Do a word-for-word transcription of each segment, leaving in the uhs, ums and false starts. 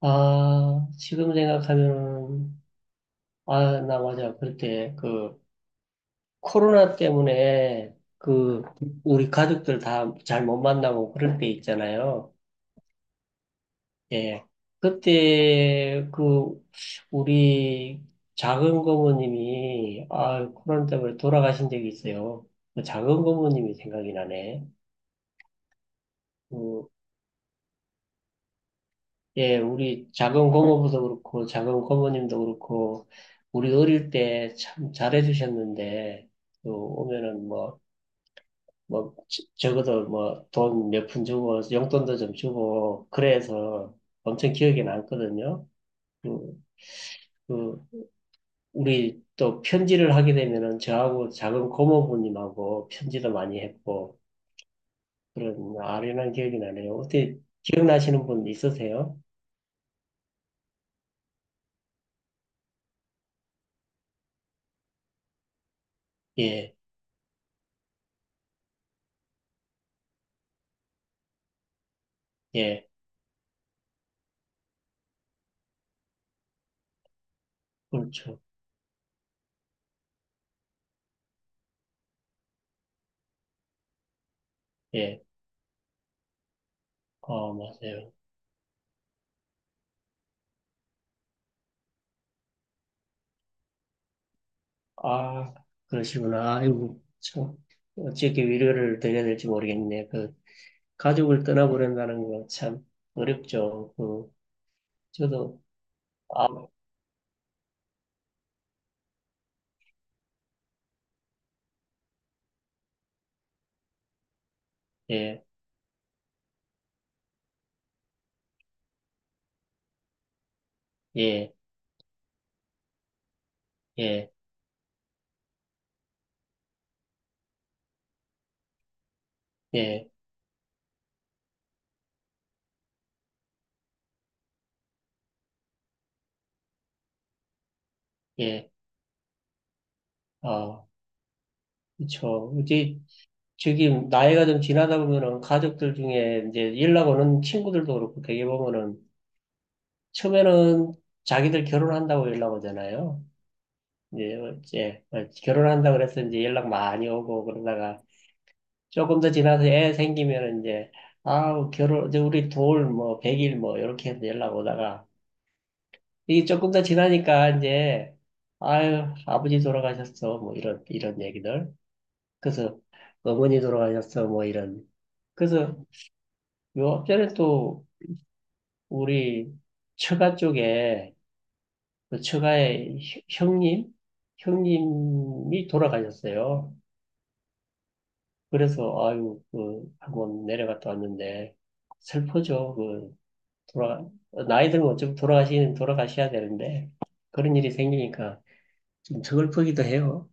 아, 지금 생각하면, 아, 나 맞아. 그때 그 코로나 때문에 그 우리 가족들 다 잘 못 만나고 그럴 때 있잖아요. 예. 그때 그 우리 작은 고모님이 아, 코로나 때문에 돌아가신 적이 있어요. 그 작은 고모님이 생각이 나네. 음. 예, 우리 작은 고모부도 그렇고, 작은 고모님도 그렇고, 우리 어릴 때 참 잘해주셨는데, 또 오면은 뭐, 뭐, 저- 적어도 뭐, 돈 몇 푼 주고, 용돈도 좀 주고, 그래서 엄청 기억에 남거든요. 그, 그, 우리 또 편지를 하게 되면은 저하고 작은 고모부님하고 편지도 많이 했고, 그런 아련한 기억이 나네요. 어떻게 기억나시는 분 있으세요? 예, 예, 그렇죠. 예, 어, 맞아요. 아, 그러시구나. 아이고, 참, 어떻게 위로를 드려야 될지 모르겠네. 그, 가족을 떠나보낸다는 거 참 어렵죠. 그, 저도, 아, 예, 예, 예, 예, 예, 아, 그쵸. 이제, 저기, 나이가 좀 지나다 보면은 가족들 중에 이제 연락 오는 친구들도 그렇고 되게 보면은 처음에는 자기들 결혼한다고 연락 오잖아요. 이제, 어, 예, 결혼한다고 그래서 이제 연락 많이 오고 그러다가 조금 더 지나서 애 생기면 이제 아우 결혼 이제 우리 돌 뭐 백 일 뭐 이렇게 해서 연락 오다가 이게 조금 더 지나니까 이제 아유 아버지 돌아가셨어 뭐 이런 이런 얘기들 그래서 어머니 돌아가셨어 뭐 이런 그래서 요 앞전에 또 우리 처가 쪽에 그 처가의 형- 형님 형님이 돌아가셨어요. 그래서 아유 그 한번 내려갔다 왔는데 슬프죠. 돌아, 나이 들면 어 돌아가시, 돌아가셔야 되는데, 그런 일이 생기니까 좀 서글프기도 해요.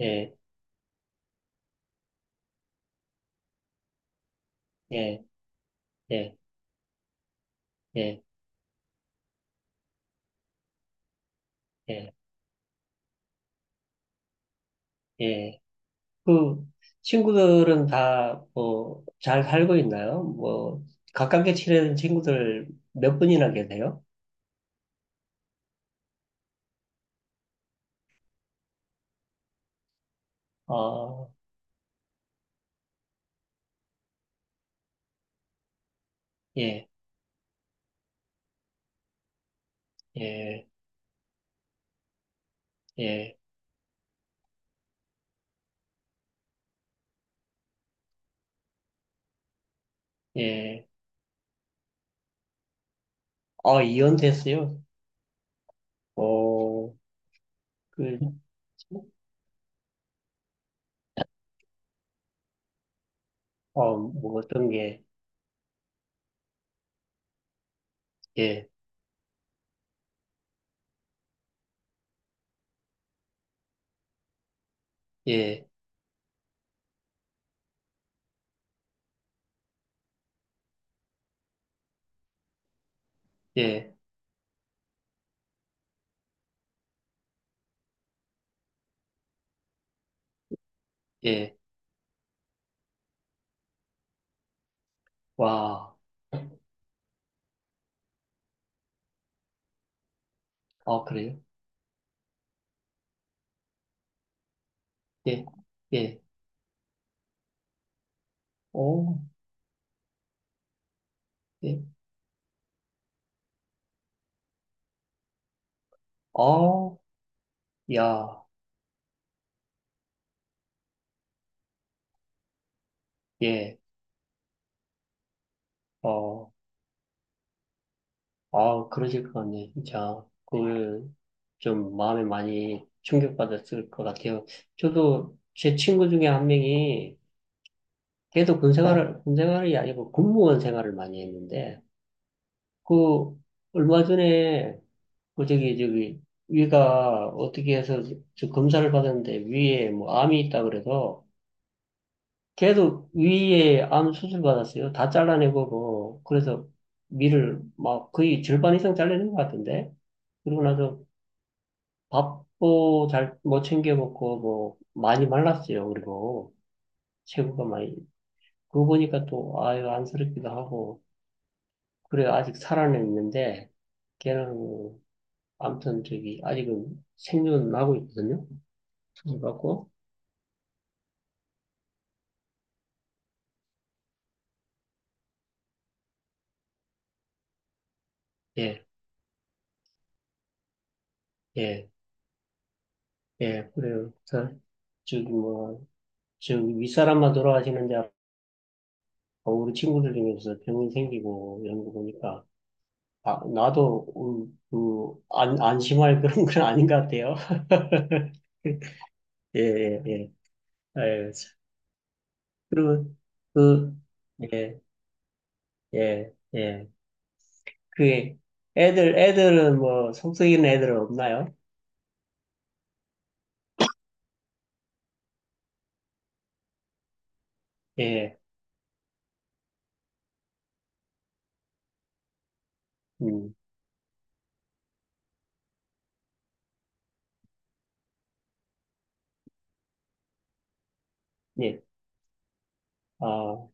예, 예, 예, 예, 예, 예. 그, 친구들은 다, 뭐, 잘 살고 있나요? 뭐, 가깝게 지내는 친구들 몇 분이나 계세요? 아, 예, 예, 예, 예. 아, 이혼됐어요? 어, 그, 어, 뭐, 어떤 게, 예, 예, 예, 예, 와, 아, 그래요? 예, 예, 오, 예, 어, 야, 예, 어, 아, 그러실 것 같네. 진짜, 그걸 좀 마음에 많이 충격받았을 것 같아요. 저도 제 친구 중에 한 명이 걔도 군 네, 생활을, 군 생활이 아니고 군무원 생활을 많이 했는데, 그, 얼마 전에, 그 저기, 저기, 위가 어떻게 해서 저 검사를 받았는데 위에 뭐 암이 있다 그래서 계속 위에 암 수술 받았어요. 다 잘라내고, 뭐, 그래서 위를 막 거의 절반 이상 잘라낸 것 같은데? 그러고 나서 밥도 잘 못 챙겨 먹고, 뭐, 많이 말랐어요. 그리고 체구가 많이. 그거 보니까 또, 아유, 안쓰럽기도 하고. 그래, 아직 살아는 있는데, 걔는, 아무튼 저기, 아직은 생존은 하고 있거든요. 수술 받고. 예, 예, 예, 그래요. 저, 저기 뭐, 저 윗사람만 돌아가시는데 우리 친구들 중에서 병이 생기고 이런 거 보니까, 아, 나도, 음, 그, 안, 안심할 그런 건 아닌 것 같아요. 예, 예, 예. 아유, 참. 그리고, 그, 예, 예, 예. 그게, 애들, 애들은 뭐, 속썩이는 애들은 없나요? 예, 음, 예. 아,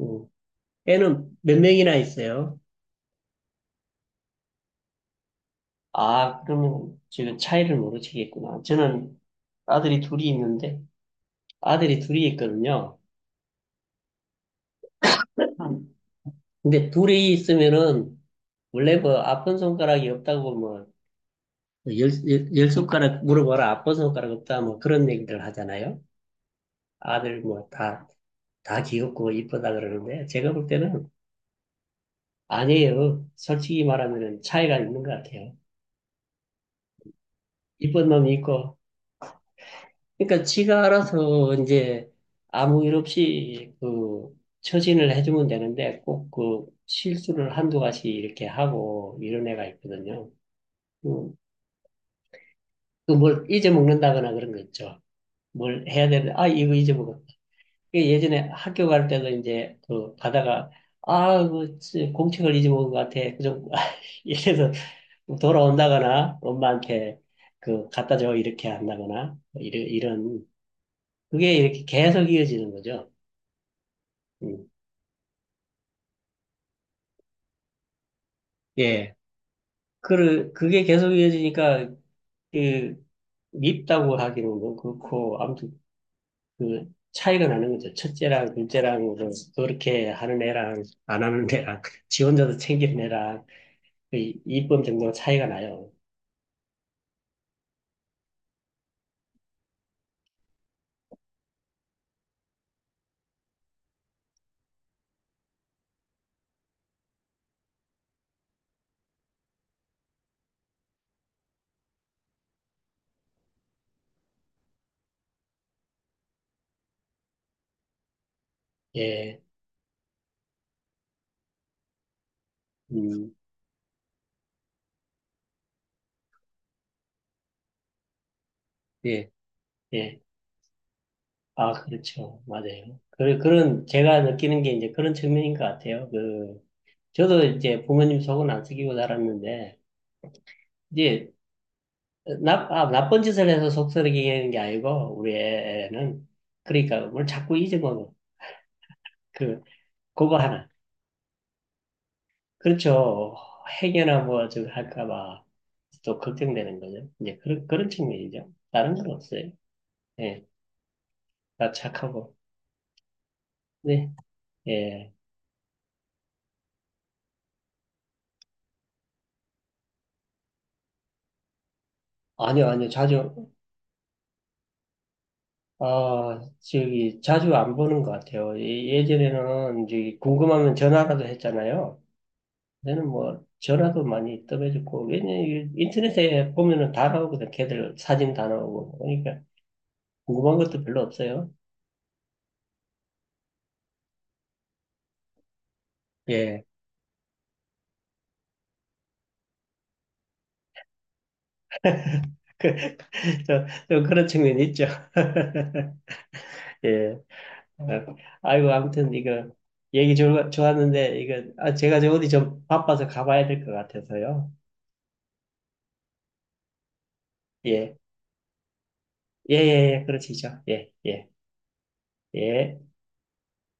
음. 애는 몇 명이나 있어요? 아, 그러면 지금 차이를 모르시겠구나. 저는 아들이 둘이 있는데, 아들이 둘이 있거든요. 근데 둘이 있으면은 원래 뭐 아픈 손가락이 없다고 뭐열 열 손가락 물어봐라 아픈 손가락 없다 뭐 그런 얘기들 하잖아요. 아들 뭐 다 다 귀엽고 이쁘다 그러는데 제가 볼 때는 아니에요. 솔직히 말하면은 차이가 있는 것 같아요. 이쁜 놈이 있고 그러니까 지가 알아서 이제 아무 일 없이 그 처신을 해주면 되는데 꼭 그 실수를 한두 가지 이렇게 하고 이런 애가 있거든요. 음, 그 뭘 잊어먹는다거나 그런 거 있죠. 뭘 해야 되는데, 아, 이거 잊어먹었다. 그 예전에 학교 갈 때도 이제 그 가다가, 아, 그 지- 공책을 잊어먹은 것 같아. 그 좀, 이래서 돌아온다거나 엄마한테 그 갖다 줘. 이렇게 한다거나, 뭐 이런, 이런. 그게 이렇게 계속 이어지는 거죠. 음. 예. 그, 그게 계속 이어지니까, 그, 밉다고 하기는 뭐 그렇고, 아무튼 그 차이가 나는 거죠. 첫째랑 둘째랑 그 그렇게 하는 애랑 안 하는 애랑 지 혼자서 챙기는 애랑 그 이쁨 정도가 차이가 나요. 예, 음, 예, 예. 아, 그렇죠. 맞아요. 그, 그런 제가 느끼는 게 이제 그런 측면인 것 같아요. 그 저도 이제 부모님 속은 안 썩이고 살았는데 이제 나, 아, 나쁜 짓을 해서 속썩이는 게 아니고 우리 애는 그러니까 뭘 자꾸 잊어먹어. 그 그거 하나. 그렇죠. 해계나 뭐, 저기 할까봐 또 걱정되는 거죠. 이제 그런, 그런 측면이죠. 다른 건 없어요. 예, 다 착하고. 네, 예. 아니요, 아니요. 자주, 아, 저기, 자주 안 보는 것 같아요. 예- 예전에는 이제 궁금하면 전화라도 했잖아요. 저는 뭐, 전화도 많이 떠매줬고, 왜냐면 이게 인터넷에 보면은 다 나오거든. 걔들 사진 다 나오고. 그러니까 궁금한 것도 별로 없어요. 예. 그, 저, 저 그런 측면이 있죠. 예. 아, 아이고, 아무튼 이거 얘기 좋, 좋았는데 이거 아, 제가 저 어디 좀 바빠서 가봐야 될 것 같아서요. 예. 예, 예, 예. 그러시죠. 예, 예, 예.